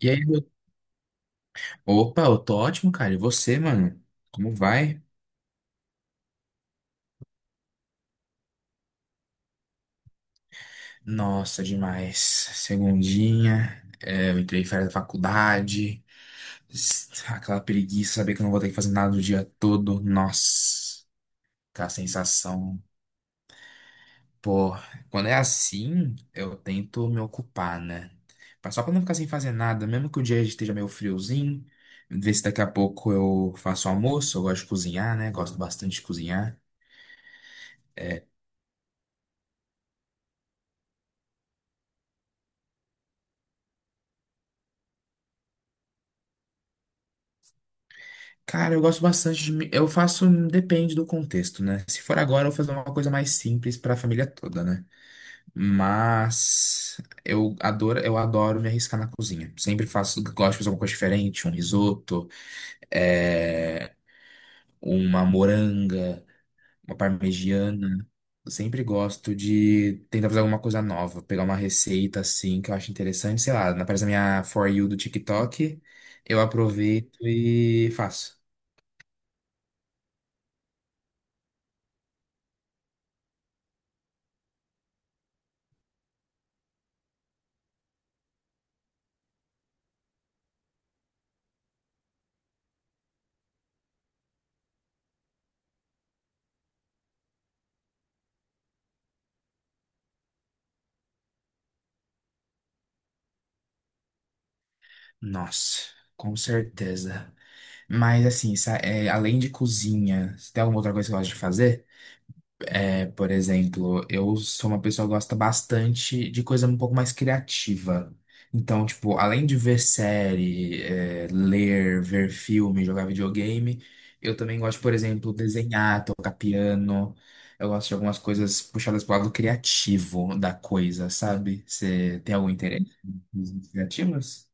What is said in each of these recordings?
E aí, meu- Opa, eu tô ótimo, cara. E você, mano? Como vai? Nossa, demais. Segundinha, eu entrei em férias da faculdade, aquela preguiça, saber que eu não vou ter que fazer nada o dia todo. Nossa, aquela sensação. Pô, quando é assim, eu tento me ocupar, né? Mas só pra não ficar sem fazer nada, mesmo que o dia esteja meio friozinho, ver se daqui a pouco eu faço almoço. Eu gosto de cozinhar, né? Gosto bastante de cozinhar. Cara, eu gosto bastante Eu faço. Depende do contexto, né? Se for agora, eu vou fazer uma coisa mais simples pra família toda, né? Mas eu adoro me arriscar na cozinha. Sempre faço, gosto de fazer alguma coisa diferente, um risoto, é, uma moranga, uma parmegiana. Eu sempre gosto de tentar fazer alguma coisa nova, pegar uma receita assim que eu acho interessante, sei lá, aparece na minha For You do TikTok, eu aproveito e faço. Nossa, com certeza. Mas assim, além de cozinha, se tem alguma outra coisa que eu gosto de fazer? É, por exemplo, eu sou uma pessoa que gosta bastante de coisa um pouco mais criativa. Então, tipo, além de ver série, ler, ver filme, jogar videogame, eu também gosto, por exemplo, desenhar, tocar piano. Eu gosto de algumas coisas puxadas pro lado criativo da coisa, sabe? Você tem algum interesse em coisas criativas?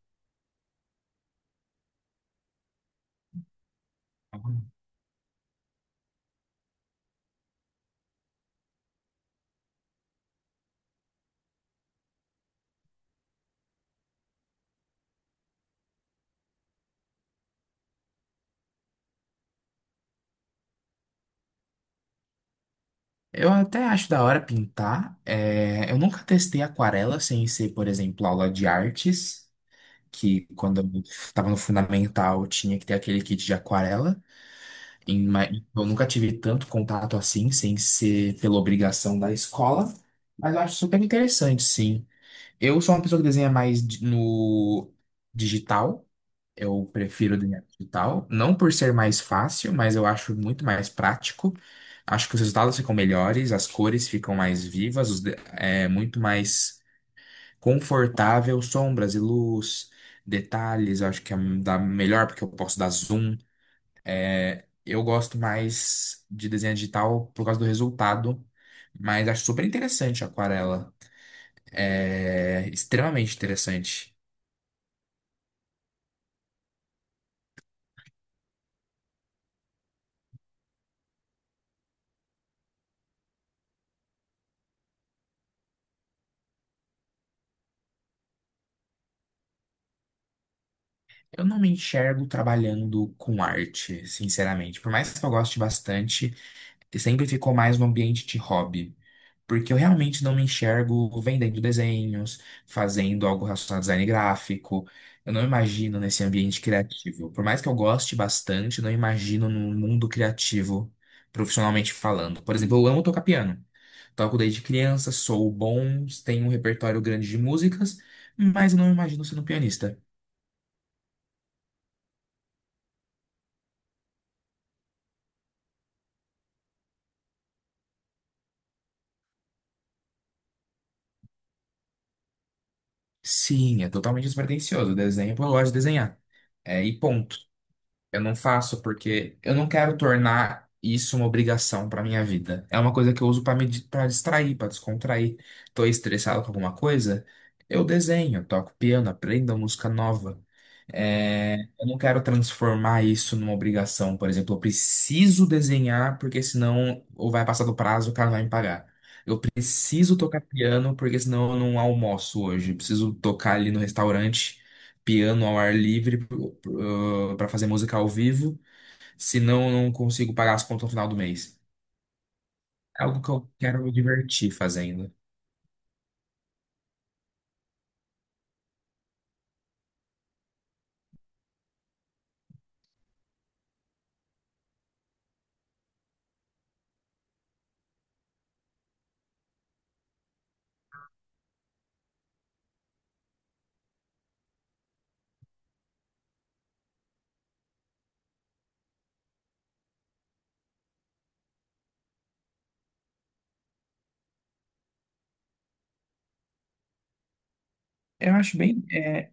Eu até acho da hora pintar. É, eu nunca testei aquarela sem ser, por exemplo, aula de artes, que quando eu estava no fundamental tinha que ter aquele kit de aquarela. Em ma- Eu nunca tive tanto contato assim, sem ser pela obrigação da escola. Mas eu acho super interessante, sim. Eu sou uma pessoa que desenha no digital. Eu prefiro o dinheiro digital, não por ser mais fácil, mas eu acho muito mais prático. Acho que os resultados ficam melhores, as cores ficam mais vivas, é muito mais confortável, sombras e luz, detalhes, eu acho que dá melhor porque eu posso dar zoom. Eu gosto mais de desenho digital por causa do resultado, mas acho super interessante a aquarela. É extremamente interessante. Eu não me enxergo trabalhando com arte, sinceramente. Por mais que eu goste bastante, sempre ficou mais no ambiente de hobby. Porque eu realmente não me enxergo vendendo desenhos, fazendo algo relacionado a design gráfico. Eu não imagino nesse ambiente criativo. Por mais que eu goste bastante, não imagino num mundo criativo, profissionalmente falando. Por exemplo, eu amo tocar piano. Toco desde criança, sou bom, tenho um repertório grande de músicas, mas eu não me imagino sendo pianista. Sim, é totalmente despretensioso. Desenho, pô, eu gosto de desenhar. É, e ponto. Eu não faço porque eu não quero tornar isso uma obrigação para minha vida. É uma coisa que eu uso para pra distrair, para descontrair. Tô estressado com alguma coisa, eu desenho, toco piano, aprendo uma música nova. É, eu não quero transformar isso numa obrigação. Por exemplo, eu preciso desenhar porque senão ou vai passar do prazo, o cara vai me pagar. Eu preciso tocar piano porque senão eu não almoço hoje. Eu preciso tocar ali no restaurante, piano ao ar livre para fazer música ao vivo, senão eu não consigo pagar as contas no final do mês. É algo que eu quero me divertir fazendo. Eu acho bem. É,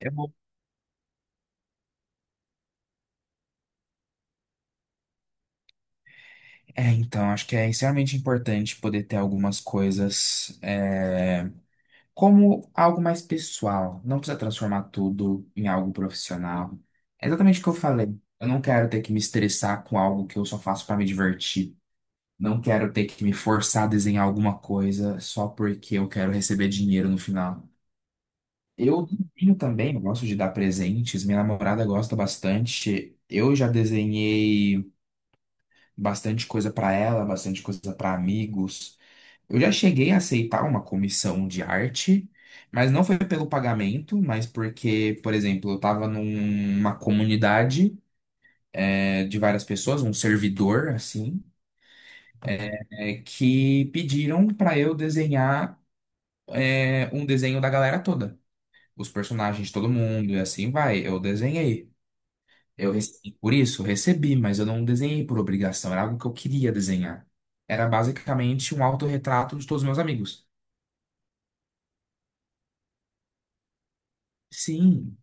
é bom. É, então, acho que é extremamente importante poder ter algumas coisas. Como algo mais pessoal. Não precisa transformar tudo em algo profissional. É exatamente o que eu falei. Eu não quero ter que me estressar com algo que eu só faço para me divertir. Não quero ter que me forçar a desenhar alguma coisa só porque eu quero receber dinheiro no final. Eu desenho também, eu gosto de dar presentes. Minha namorada gosta bastante. Eu já desenhei bastante coisa para ela, bastante coisa para amigos. Eu já cheguei a aceitar uma comissão de arte, mas não foi pelo pagamento, mas porque, por exemplo, eu estava numa comunidade, de várias pessoas, um servidor, assim, que pediram para eu desenhar, um desenho da galera toda, os personagens de todo mundo, e assim vai. Eu desenhei. Eu recebi por isso, recebi, mas eu não desenhei por obrigação, era algo que eu queria desenhar. Era basicamente um autorretrato de todos os meus amigos. Sim.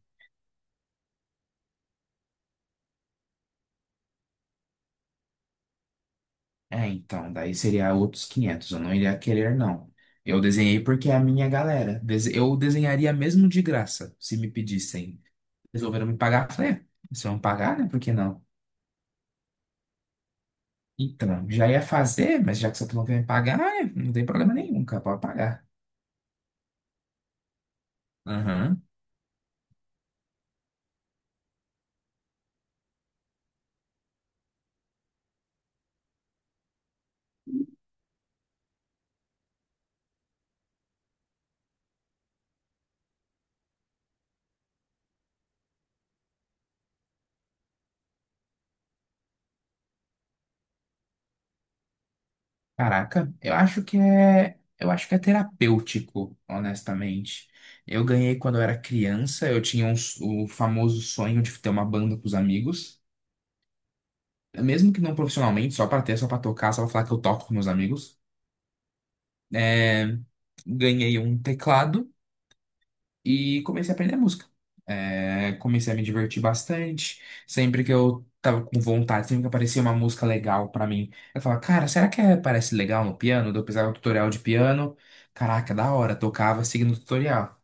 É, então, daí seria outros 500, eu não iria querer, não. Eu desenhei porque é a minha galera. Eu desenharia mesmo de graça, se me pedissem. Resolveram me pagar, eu falei, "É, se vão pagar, né? Por que não? Então, já ia fazer, mas já que você não quer me pagar, não tem problema nenhum, cara, pode pagar. Aham." Caraca, eu acho que é terapêutico, honestamente. Eu ganhei quando eu era criança, eu tinha o famoso sonho de ter uma banda com os amigos, mesmo que não profissionalmente, só pra ter, só pra tocar, só pra falar que eu toco com meus amigos, é, ganhei um teclado e comecei a aprender música. É, comecei a me divertir bastante. Sempre que eu tava com vontade, sempre que aparecia uma música legal pra mim, eu falava, cara, parece legal no piano? Daí eu precisava de um tutorial de piano. Caraca, da hora, tocava seguindo o tutorial.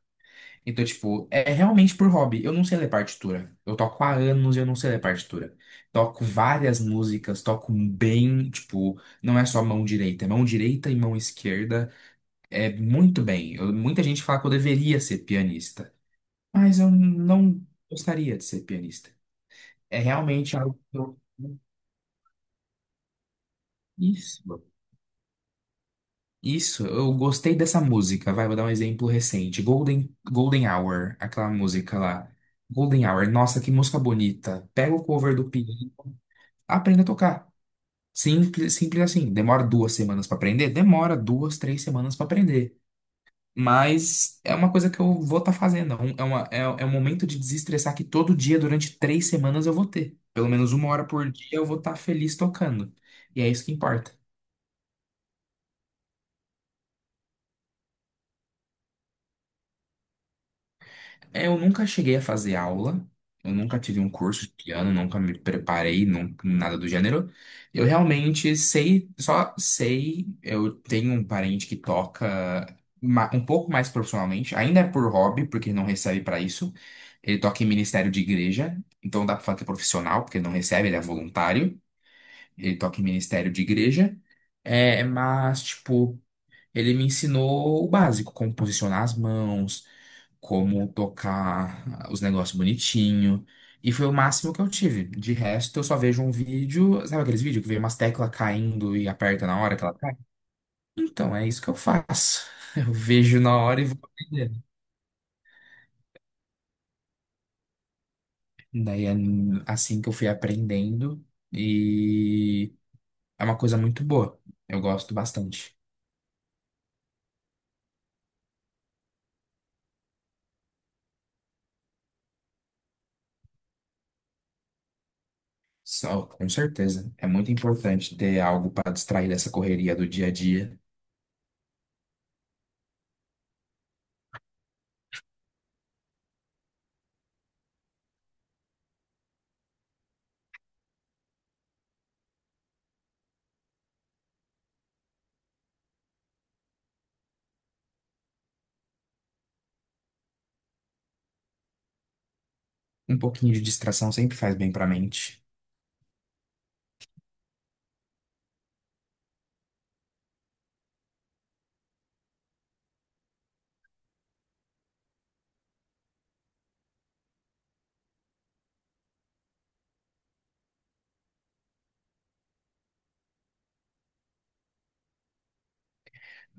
Então, tipo, é realmente por hobby. Eu não sei ler partitura. Eu toco há anos e eu não sei ler partitura. Toco várias músicas, toco bem, tipo, não é só mão direita, é mão direita e mão esquerda. É muito bem. Eu- muita gente fala que eu deveria ser pianista, mas eu não gostaria de ser pianista. É realmente algo que eu. Isso. Isso, eu gostei dessa música. Vai, vou dar um exemplo recente. Golden Hour, aquela música lá. Golden Hour, nossa, que música bonita. Pega o cover do piano, aprenda a tocar. Simples, simples assim. Demora 2 semanas pra aprender? Demora 2, 3 semanas pra aprender. Mas é uma coisa que eu vou estar fazendo. É um momento de desestressar que todo dia, durante 3 semanas, eu vou ter. Pelo menos uma hora por dia eu vou estar feliz tocando. E é isso que importa. É, eu nunca cheguei a fazer aula, eu nunca tive um curso de piano, nunca me preparei, nada do gênero. Eu realmente sei, só sei, eu tenho um parente que toca um pouco mais profissionalmente, ainda é por hobby, porque não recebe pra isso. Ele toca em ministério de igreja, então dá pra falar que é profissional, porque não recebe, ele é voluntário. Ele toca em ministério de igreja, mas, tipo, ele me ensinou o básico, como posicionar as mãos, como tocar os negócios bonitinho. E foi o máximo que eu tive. De resto, eu só vejo um vídeo. Sabe aqueles vídeos que vê umas teclas caindo e aperta na hora que ela cai? Então, é isso que eu faço. Eu vejo na hora e vou aprendendo. Daí é assim que eu fui aprendendo. E é uma coisa muito boa. Eu gosto bastante. Só, com certeza. É muito importante ter algo para distrair dessa correria do dia a dia. Um pouquinho de distração sempre faz bem para a mente.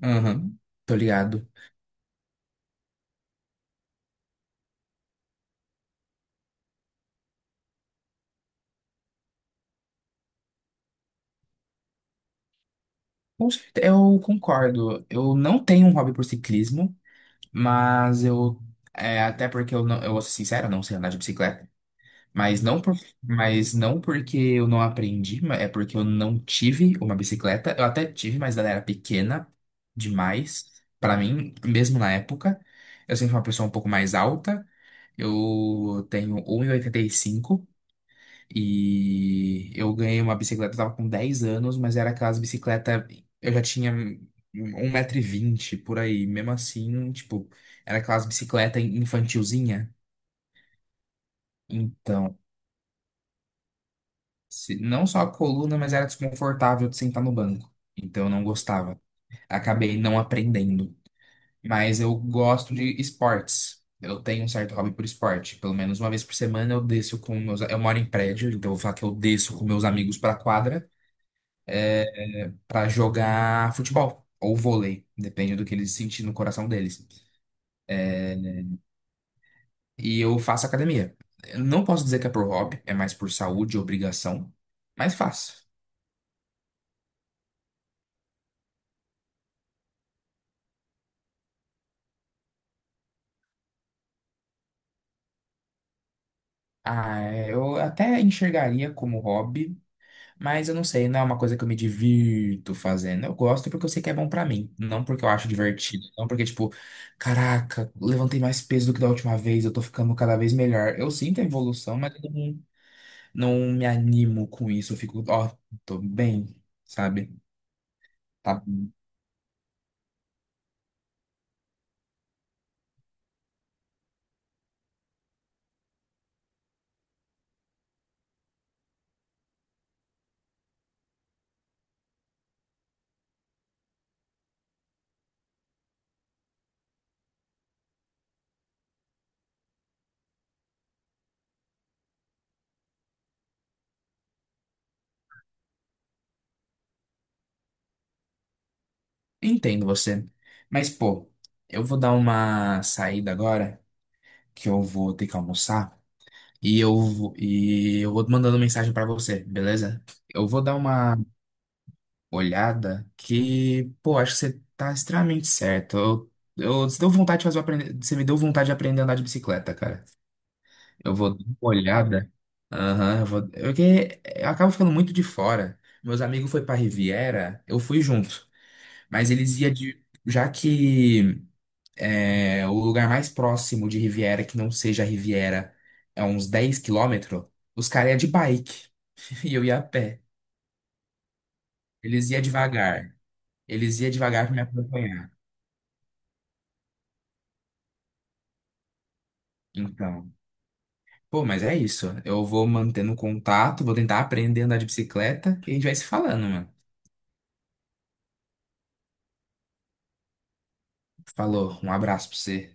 Aham, tô ligado. Eu concordo. Eu não tenho um hobby por ciclismo, mas até porque eu não, eu vou ser sincero, eu não sei andar de bicicleta, mas mas não porque eu não aprendi, é porque eu não tive uma bicicleta. Eu até tive, mas ela era pequena demais pra mim, mesmo na época. Eu sempre fui uma pessoa um pouco mais alta. Eu tenho 1,85 m e eu ganhei uma bicicleta, eu tava com 10 anos, mas era aquelas bicicleta, eu já tinha 1,20 m por aí, mesmo assim, tipo, era aquelas bicicleta infantilzinha. Então, não só a coluna, mas era desconfortável de sentar no banco. Então eu não gostava. Acabei não aprendendo. Mas eu gosto de esportes. Eu tenho um certo hobby por esporte. Pelo menos uma vez por semana eu desço com meus. Eu moro em prédio, então eu vou falar que eu desço com meus amigos pra quadra. É, para jogar futebol ou vôlei, depende do que eles sentirem no coração deles. E eu faço academia. Eu não posso dizer que é por hobby, é mais por saúde e obrigação, mas faço. Ah, eu até enxergaria como hobby, mas eu não sei, não é uma coisa que eu me divirto fazendo. Eu gosto porque eu sei que é bom pra mim, não porque eu acho divertido, não porque, tipo, caraca, levantei mais peso do que da última vez, eu tô ficando cada vez melhor. Eu sinto a evolução, mas eu não. Não me animo com isso, eu fico, ó, tô bem, sabe? Tá, bom. Entendo você. Mas, pô, eu vou dar uma saída agora, que eu vou ter que almoçar, e eu vou mandando mensagem pra você, beleza? Eu vou dar uma olhada que, pô, acho que você tá extremamente certo. Você deu vontade de fazer eu aprender, você me deu vontade de aprender a andar de bicicleta, cara. Eu vou dar uma olhada. Aham, eu vou. Porque eu acabo ficando muito de fora. Meus amigos foi pra Riviera, eu fui junto. Mas eles iam de. Já que o lugar mais próximo de Riviera, que não seja Riviera, é uns 10 km, os caras iam de bike. E eu ia a pé. Eles iam devagar. Eles iam devagar pra me acompanhar. Então. Pô, mas é isso. Eu vou mantendo contato, vou tentar aprender a andar de bicicleta e a gente vai se falando, mano. Falou, um abraço pra você.